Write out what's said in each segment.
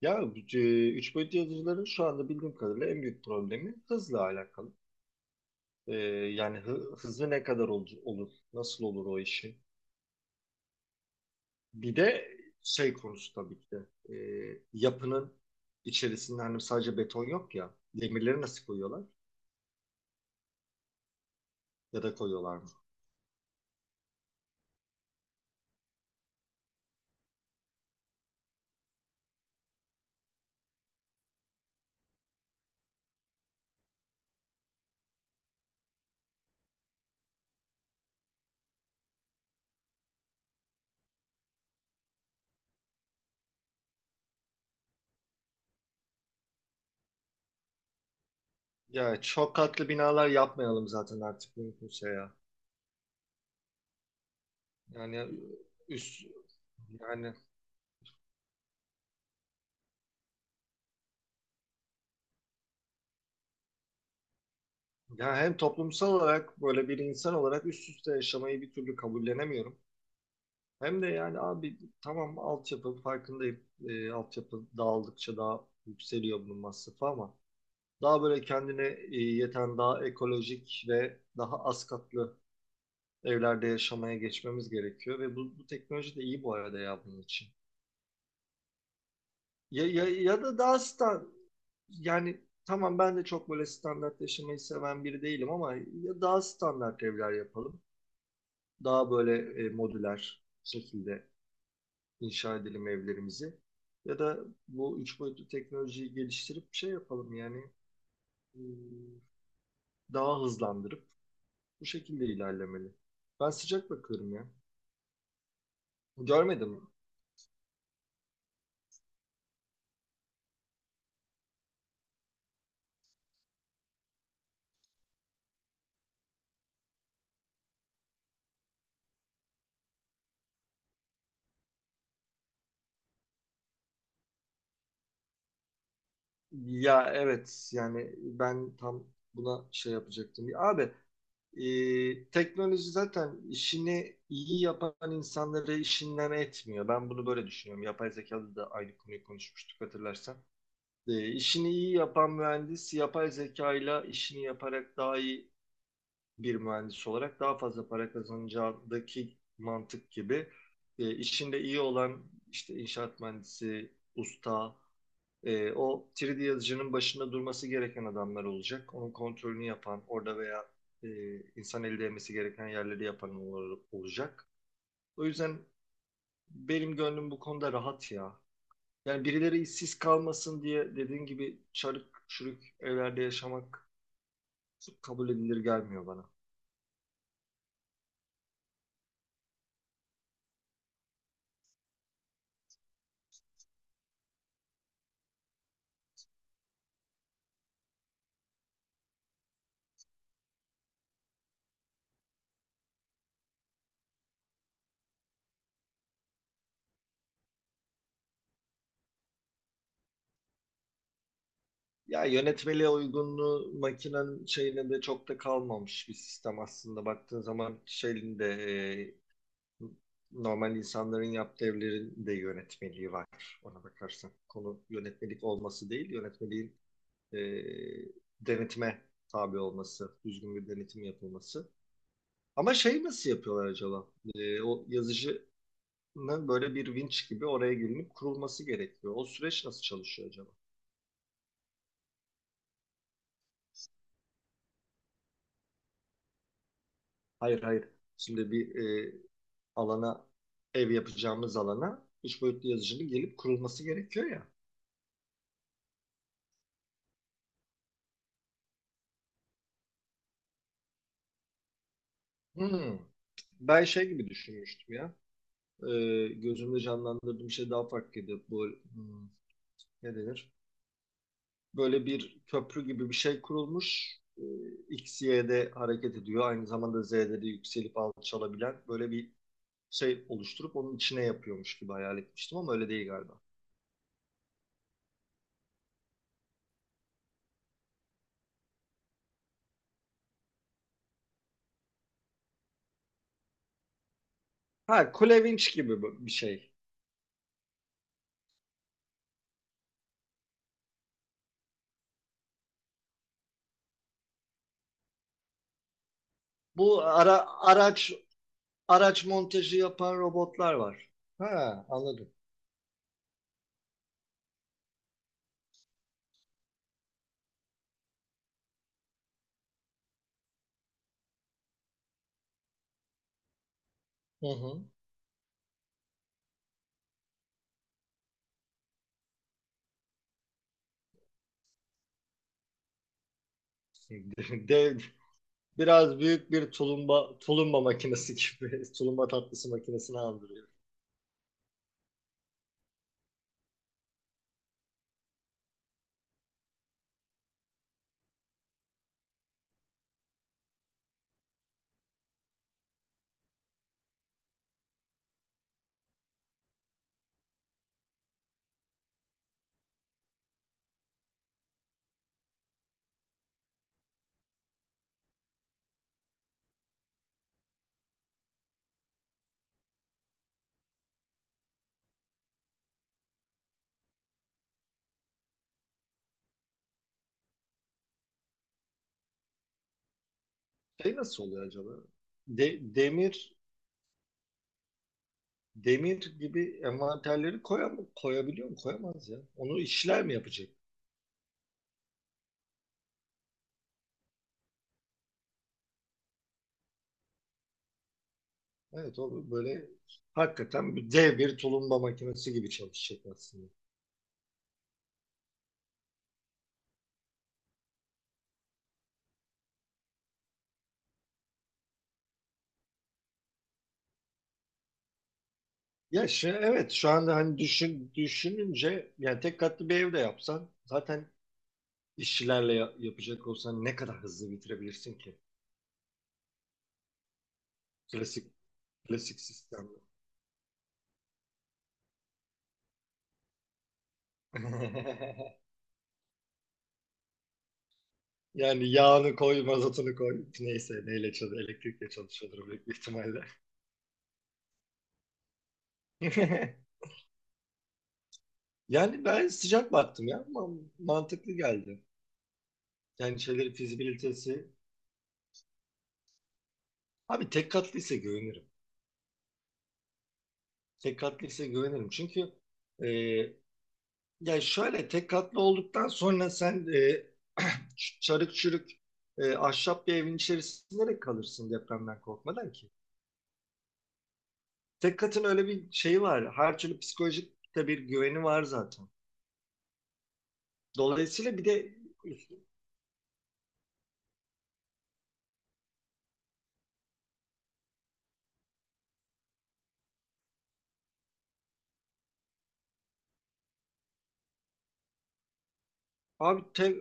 Ya üç boyutlu yazıcıların şu anda bildiğim kadarıyla en büyük problemi hızla alakalı. E, yani hızı ne kadar olur, nasıl olur o işin. Bir de şey konusu tabii ki de yapının içerisinde hani sadece beton yok ya demirleri nasıl koyuyorlar ya da koyuyorlar mı? Ya çok katlı binalar yapmayalım zaten artık mümkünse ya. Yani üst yani ya hem toplumsal olarak böyle bir insan olarak üst üste yaşamayı bir türlü kabullenemiyorum. Hem de yani abi tamam altyapı farkındayım. Altyapı dağıldıkça daha yükseliyor bunun masrafı ama daha böyle kendine yeten daha ekolojik ve daha az katlı evlerde yaşamaya geçmemiz gerekiyor ve bu teknoloji de iyi bu arada ya bunun için. Ya da daha stan yani tamam ben de çok böyle standart yaşamayı seven biri değilim ama ya daha standart evler yapalım. Daha böyle modüler şekilde inşa edelim evlerimizi. Ya da bu üç boyutlu teknolojiyi geliştirip bir şey yapalım yani e, daha hızlandırıp bu şekilde ilerlemeli. Ben sıcak bakıyorum ya. Görmedim. Ya evet yani ben tam buna şey yapacaktım. Ya abi, teknoloji zaten işini iyi yapan insanları işinden etmiyor. Ben bunu böyle düşünüyorum. Yapay zekada da aynı konuyu konuşmuştuk hatırlarsan. E, işini iyi yapan mühendis yapay zeka ile işini yaparak daha iyi bir mühendis olarak daha fazla para kazanacağındaki mantık gibi işinde iyi olan işte inşaat mühendisi, usta, o 3D yazıcının başında durması gereken adamlar olacak. Onun kontrolünü yapan, orada veya e, insan eli değmesi gereken yerleri yapan olacak. O yüzden benim gönlüm bu konuda rahat ya. Yani birileri işsiz kalmasın diye dediğin gibi çarık çürük evlerde yaşamak kabul edilir gelmiyor bana. Ya yönetmeliğe uygunluğu makinenin şeyine de çok da kalmamış bir sistem aslında. Baktığın zaman şeyin de e, normal insanların yaptığı evlerin de yönetmeliği var ona bakarsan. Konu yönetmelik olması değil, yönetmeliğin e, denetime tabi olması, düzgün bir denetim yapılması. Ama şey nasıl yapıyorlar acaba? O yazıcı böyle bir vinç gibi oraya gelinip kurulması gerekiyor. O süreç nasıl çalışıyor acaba? Hayır, hayır. Şimdi bir e, alana, ev yapacağımız alana üç boyutlu yazıcının gelip kurulması gerekiyor ya. Hmm. Ben şey gibi düşünmüştüm ya. E, gözümde canlandırdığım şey daha farklıydı. Bu hmm, ne denir? Böyle bir köprü gibi bir şey kurulmuş. X, Y'de hareket ediyor. Aynı zamanda Z'de de yükselip alçalabilen böyle bir şey oluşturup onun içine yapıyormuş gibi hayal etmiştim ama öyle değil galiba. Ha, Kulevinç gibi bir şey. Bu araç montajı yapan robotlar var. Ha, anladım. Hı hı. Dev, biraz büyük bir tulumba makinesi gibi tulumba tatlısı makinesini andırıyor. Şey nasıl oluyor acaba? De- demir demir gibi envanterleri koyabiliyor mu? Koyamaz ya. Onu işçiler mi yapacak? Evet, o böyle hakikaten bir dev, bir tulumba makinesi gibi çalışacak aslında. Ya, evet, şu anda hani düşününce yani tek katlı bir evde yapsan zaten işçilerle yapacak olsan ne kadar hızlı bitirebilirsin ki? Klasik klasik sistemle. Yani yağını koy, mazotunu koy. Neyse neyle çalışıyor, elektrikle çalışıyordur büyük bir ihtimalle. Yani ben sıcak baktım ya. Mantıklı geldi. Yani şeyleri fizibilitesi. Abi tek katlıysa güvenirim. Tek katlı ise güvenirim. Çünkü e, ya şöyle tek katlı olduktan sonra sen çarık çürük ahşap bir evin içerisinde de kalırsın depremden korkmadan ki. Tek katın öyle bir şeyi var. Her türlü psikolojik de bir güveni var zaten. Dolayısıyla bir de abi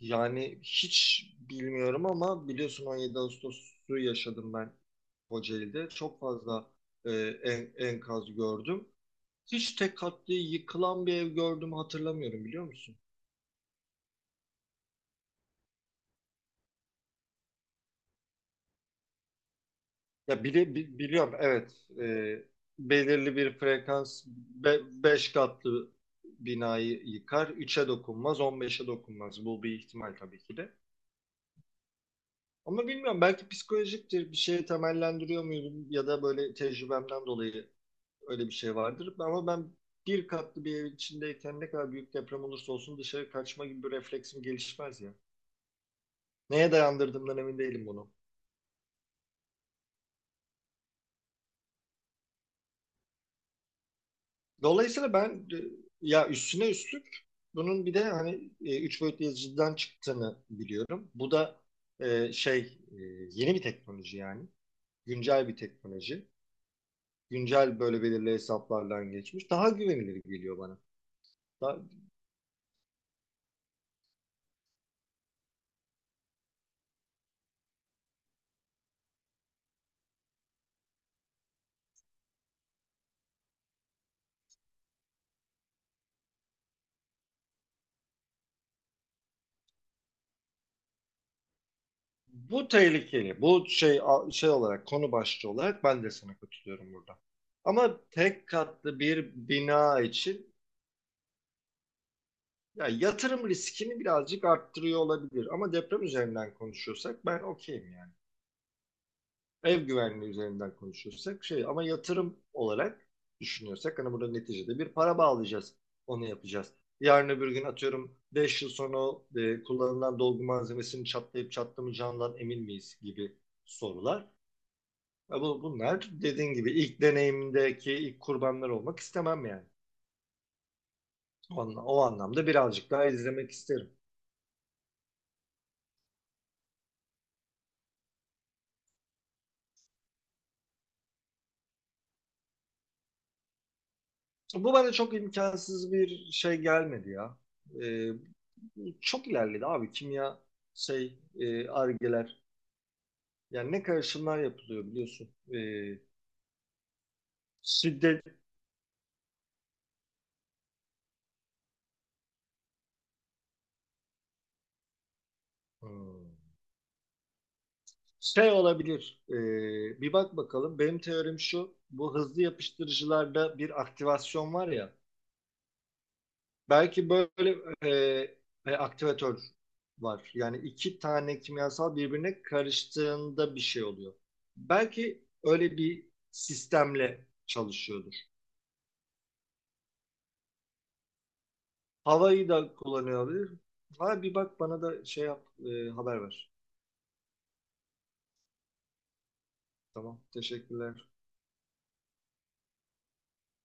yani hiç bilmiyorum ama biliyorsun 17 Ağustos'u yaşadım ben Kocaeli'de. Çok fazla e, enkaz gördüm. Hiç tek katlı yıkılan bir ev gördüğümü hatırlamıyorum, biliyor musun? Ya biliyorum, evet. Belirli bir frekans 5 katlı binayı yıkar, 3'e dokunmaz, 15'e dokunmaz, bu bir ihtimal tabii ki de. Ama bilmiyorum, belki psikolojiktir, bir şeye temellendiriyor muyum ya da böyle tecrübemden dolayı öyle bir şey vardır. Ama ben bir katlı bir evin içindeyken ne kadar büyük deprem olursa olsun dışarı kaçma gibi bir refleksim gelişmez ya. Neye dayandırdığımdan emin değilim bunu. Dolayısıyla ben ya üstüne üstlük bunun bir de hani üç boyutlu yazıcıdan çıktığını biliyorum. Bu da şey e, yeni bir teknoloji yani. Güncel bir teknoloji. Güncel böyle belirli hesaplardan geçmiş. Daha güvenilir geliyor bana. Da- bu tehlikeli. Bu şey olarak, konu başlığı olarak ben de sana katılıyorum burada. Ama tek katlı bir bina için ya yatırım riskini birazcık arttırıyor olabilir. Ama deprem üzerinden konuşuyorsak ben okeyim yani. Ev güvenliği üzerinden konuşursak şey, ama yatırım olarak düşünüyorsak hani burada neticede bir para bağlayacağız. Onu yapacağız. Yarın öbür gün, atıyorum 5 yıl sonra, kullanılan dolgu malzemesinin çatlayıp çatlamayacağından emin miyiz gibi sorular. Ya bunlar dediğin gibi ilk deneyimdeki ilk kurbanlar olmak istemem yani. O anlamda birazcık daha izlemek isterim. Bu bana çok imkansız bir şey gelmedi ya. E, çok ilerledi abi, kimya, şey, argeler. Yani ne karışımlar yapılıyor biliyorsun. Ee, şiddet. Hmm. Şey olabilir. Bir bak bakalım. Benim teorim şu. Bu hızlı yapıştırıcılarda bir aktivasyon var ya. Belki böyle e, aktivatör var. Yani 2 tane kimyasal birbirine karıştığında bir şey oluyor. Belki öyle bir sistemle çalışıyordur. Havayı da kullanıyor olabilir. Ha, bir bak bana da şey yap, haber ver. Tamam, teşekkürler.